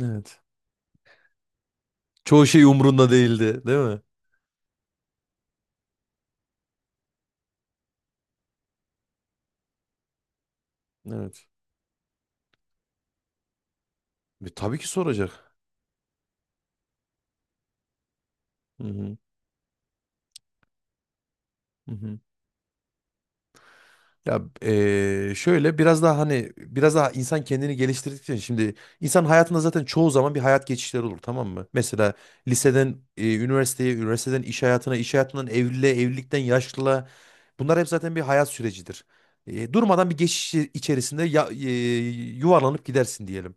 Evet. Çoğu şey umrunda değildi, değil mi? Evet. Tabii ki soracak. Hı hı. Hı hı. Ya şöyle biraz daha hani biraz daha insan kendini geliştirdikçe şimdi insan hayatında zaten çoğu zaman bir hayat geçişleri olur tamam mı? Mesela liseden üniversiteye, üniversiteden iş hayatına, iş hayatından evliliğe, evlilikten yaşlılığa bunlar hep zaten bir hayat sürecidir. Durmadan bir geçiş içerisinde ya, yuvarlanıp gidersin diyelim.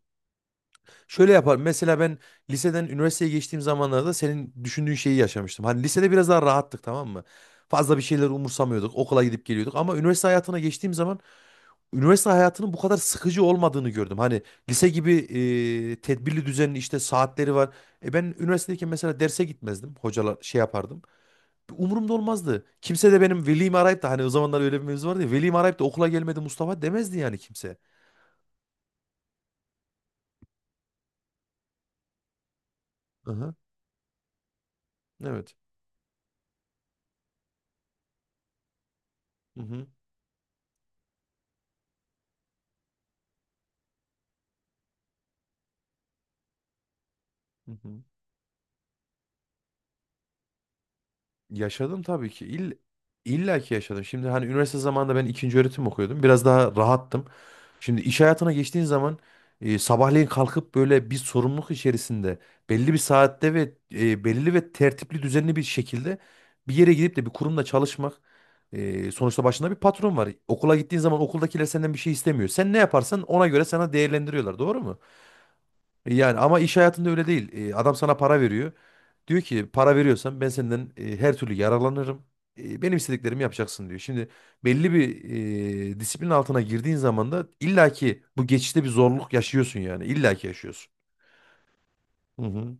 Şöyle yapar. Mesela ben liseden üniversiteye geçtiğim zamanlarda senin düşündüğün şeyi yaşamıştım. Hani lisede biraz daha rahattık tamam mı? Fazla bir şeyler umursamıyorduk. Okula gidip geliyorduk. Ama üniversite hayatına geçtiğim zaman üniversite hayatının bu kadar sıkıcı olmadığını gördüm. Hani lise gibi tedbirli düzenli işte saatleri var. Ben üniversitedeyken mesela derse gitmezdim. Hocalar şey yapardım. Umurumda olmazdı. Kimse de benim velimi arayıp da hani o zamanlar öyle bir mevzu vardı ya. Velimi arayıp da okula gelmedi Mustafa demezdi yani kimse. Aha, evet. Hı hı. Hı hı. Yaşadım tabii ki. İlla ki yaşadım. Şimdi hani üniversite zamanında ben ikinci öğretim okuyordum. Biraz daha rahattım. Şimdi iş hayatına geçtiğin zaman sabahleyin kalkıp böyle bir sorumluluk içerisinde belli bir saatte ve belli ve tertipli düzenli bir şekilde bir yere gidip de bir kurumda çalışmak sonuçta başında bir patron var. Okula gittiğin zaman okuldakiler senden bir şey istemiyor. Sen ne yaparsan ona göre sana değerlendiriyorlar. Doğru mu? Yani ama iş hayatında öyle değil. Adam sana para veriyor. Diyor ki para veriyorsan ben senden her türlü yararlanırım. Benim istediklerimi yapacaksın diyor. Şimdi belli bir disiplin altına girdiğin zaman da illaki bu geçişte bir zorluk yaşıyorsun yani. İllaki yaşıyorsun. Hı hı.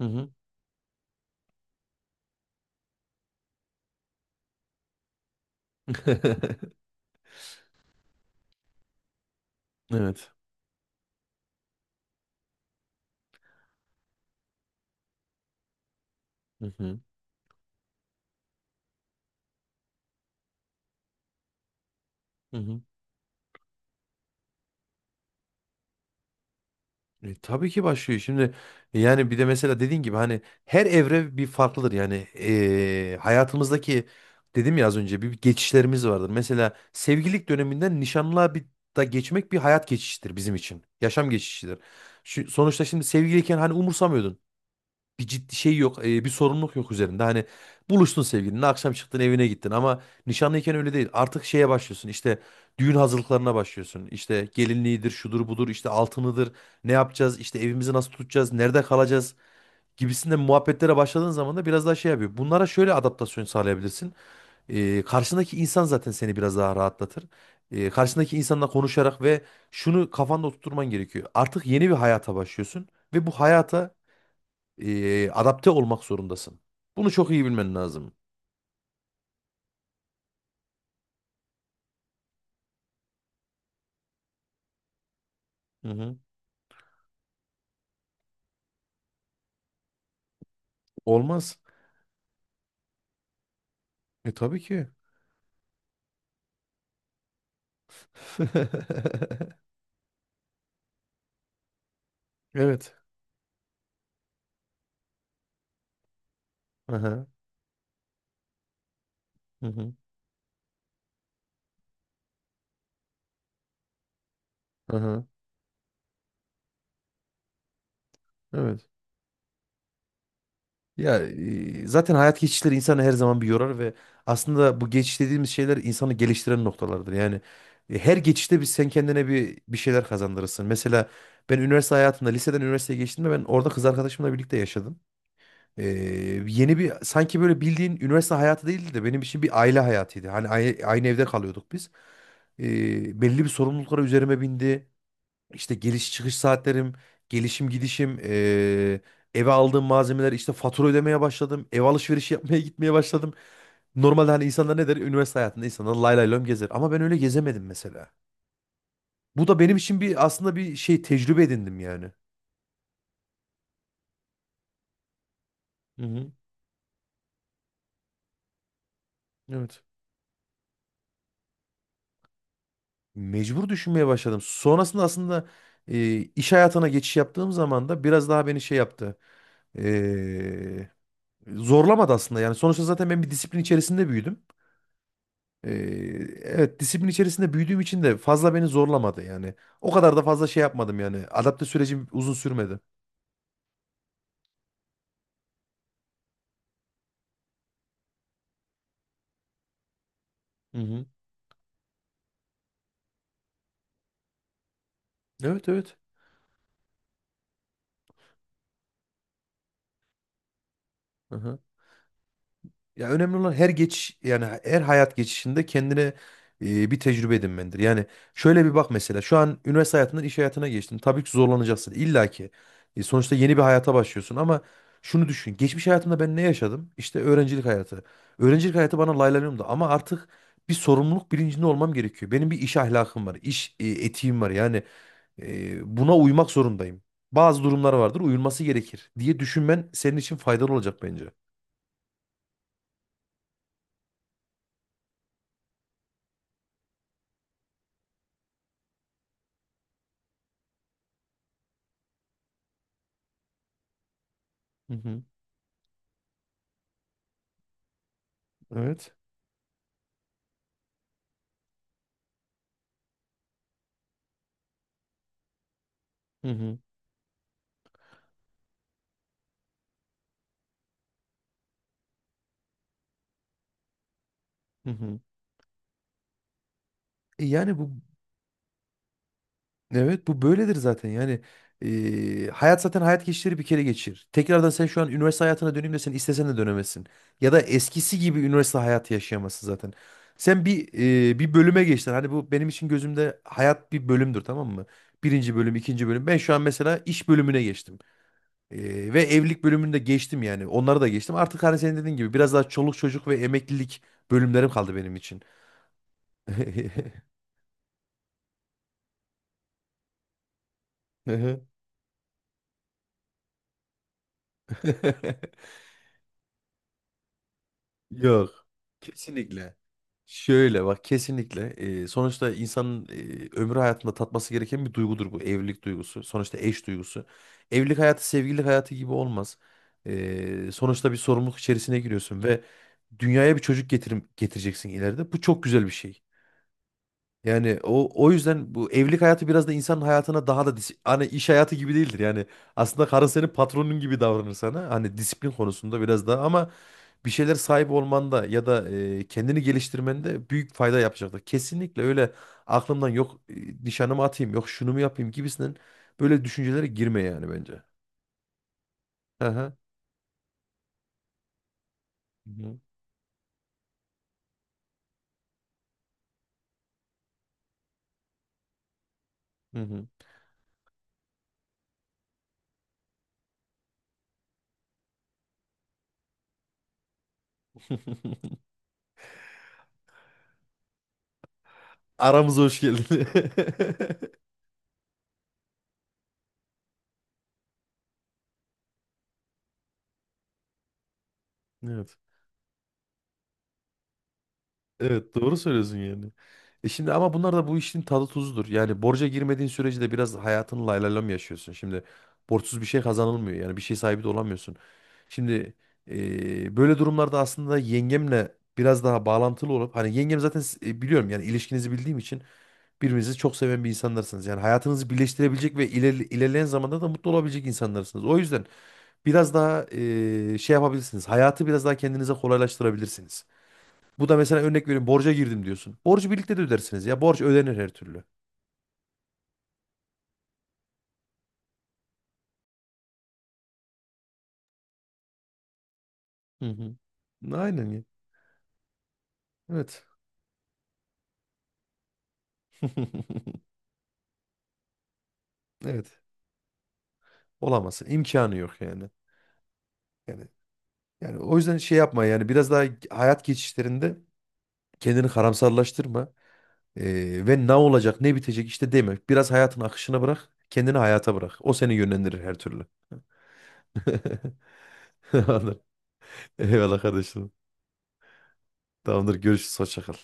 Hı hı. Evet. Hı hı. Hı hı. Tabii ki başlıyor. Şimdi yani bir de mesela dediğin gibi hani her evre bir farklıdır. Yani hayatımızdaki dedim ya az önce bir geçişlerimiz vardır. Mesela sevgililik döneminden nişanlığa bir da geçmek bir hayat geçişidir bizim için. Yaşam geçişidir. Sonuçta şimdi sevgiliyken hani umursamıyordun bir ciddi şey yok, bir sorumluluk yok üzerinde. Hani buluştun sevgilinle, akşam çıktın evine gittin ama nişanlıyken öyle değil. Artık şeye başlıyorsun. İşte düğün hazırlıklarına başlıyorsun. İşte gelinliğidir, şudur budur, işte altınıdır. Ne yapacağız? İşte evimizi nasıl tutacağız? Nerede kalacağız? Gibisinden muhabbetlere başladığın zaman da biraz daha şey yapıyor. Bunlara şöyle adaptasyon sağlayabilirsin. Karşındaki insan zaten seni biraz daha rahatlatır. Karşındaki insanla konuşarak ve şunu kafanda oturtman gerekiyor. Artık yeni bir hayata başlıyorsun ve bu hayata adapte olmak zorundasın. Bunu çok iyi bilmen lazım. Hı hı. Olmaz. Tabii ki. Evet. Aha, Hı hı. Aha, Evet. Ya zaten hayat geçişleri insanı her zaman bir yorar ve aslında bu geçiş dediğimiz şeyler insanı geliştiren noktalardır. Yani her geçişte sen kendine bir şeyler kazandırırsın. Mesela ben üniversite hayatında liseden üniversiteye geçtiğimde ben orada kız arkadaşımla birlikte yaşadım. Ee, yeni bir sanki böyle bildiğin üniversite hayatı değildi de benim için bir aile hayatıydı. Hani aynı evde kalıyorduk biz. Belli bir sorumluluklara üzerime bindi. İşte geliş çıkış saatlerim, gelişim gidişim, eve aldığım malzemeler, işte fatura ödemeye başladım. Ev alışverişi yapmaya gitmeye başladım. Normalde hani insanlar ne der? Üniversite hayatında insanlar lay lay lom gezer. Ama ben öyle gezemedim mesela. Bu da benim için bir aslında bir şey tecrübe edindim yani. Hı hı. Evet. mecbur düşünmeye başladım. Sonrasında aslında iş hayatına geçiş yaptığım zaman da biraz daha beni şey yaptı. E, Zorlamadı aslında. Yani sonuçta zaten ben bir disiplin içerisinde büyüdüm. E, evet disiplin içerisinde büyüdüğüm için de fazla beni zorlamadı yani. O kadar da fazla şey yapmadım yani. Adapte sürecim uzun sürmedi. Hı hı. Evet evet. Aha. Ya önemli olan her geç yani her hayat geçişinde kendine bir tecrübe edinmendir. Yani şöyle bir bak mesela şu an üniversite hayatından iş hayatına geçtin. Tabii ki zorlanacaksın illa ki. Sonuçta yeni bir hayata başlıyorsun ama şunu düşün. Geçmiş hayatımda ben ne yaşadım? İşte öğrencilik hayatı. Öğrencilik hayatı bana laylanıyordu ama artık bir sorumluluk bilincinde olmam gerekiyor. Benim bir iş ahlakım var, iş etiğim var. Yani buna uymak zorundayım. Bazı durumlar vardır, uyulması gerekir diye düşünmen senin için faydalı olacak bence. Hı hı. Evet. Hı hı. Hı hı. Yani bu evet bu böyledir zaten yani hayat zaten hayat geçişleri bir kere geçir. Tekrardan sen şu an üniversite hayatına döneyim desen istesen de dönemezsin. Ya da eskisi gibi üniversite hayatı yaşayamazsın zaten. Sen bir bölüme geçtin. Hani bu benim için gözümde hayat bir bölümdür tamam mı? Birinci bölüm, ikinci bölüm. Ben şu an mesela iş bölümüne geçtim. Ve evlilik bölümünü de geçtim yani. Onları da geçtim. Artık hani senin dediğin gibi biraz daha çoluk çocuk ve emeklilik bölümlerim kaldı benim için. Hı hı. Yok. Kesinlikle. Şöyle bak kesinlikle sonuçta insanın ömrü hayatında tatması gereken bir duygudur bu evlilik duygusu. Sonuçta eş duygusu. Evlilik hayatı sevgililik hayatı gibi olmaz. Sonuçta bir sorumluluk içerisine giriyorsun ve dünyaya bir çocuk getireceksin ileride. Bu çok güzel bir şey. Yani o yüzden bu evlilik hayatı biraz da insanın hayatına daha da hani iş hayatı gibi değildir. Yani aslında karın senin patronun gibi davranır sana. Hani disiplin konusunda biraz daha ama bir şeyler sahip olmanda ya da kendini geliştirmende büyük fayda yapacaktır. Kesinlikle öyle aklımdan yok nişanımı atayım, yok şunu mu yapayım gibisinden böyle düşüncelere girme yani bence. Aha. Hı hı. Hı hı. Aramıza hoş geldin. Evet. Evet doğru söylüyorsun yani. Şimdi ama bunlar da bu işin tadı tuzudur. Yani borca girmediğin sürece de biraz hayatını lay lay lam yaşıyorsun. Şimdi borçsuz bir şey kazanılmıyor. Yani bir şey sahibi de olamıyorsun. Şimdi böyle durumlarda aslında yengemle biraz daha bağlantılı olup hani yengem zaten biliyorum yani ilişkinizi bildiğim için birbirinizi çok seven bir insanlarsınız. Yani hayatınızı birleştirebilecek ve ilerleyen zamanda da mutlu olabilecek insanlarsınız. O yüzden biraz daha şey yapabilirsiniz. Hayatı biraz daha kendinize kolaylaştırabilirsiniz. Bu da mesela örnek veriyorum borca girdim diyorsun. Borcu birlikte de ödersiniz ya. Borç ödenir her türlü. Hı hı. Aynen ya. Evet. Evet. Olamazsın. İmkanı yok yani. Yani yani o yüzden şey yapma yani biraz daha hayat geçişlerinde kendini karamsarlaştırma. Ve ne olacak ne bitecek işte deme. Biraz hayatın akışına bırak. Kendini hayata bırak. O seni yönlendirir her türlü. Anladım. Eyvallah kardeşim. Tamamdır. Görüşürüz. Hoşça kal.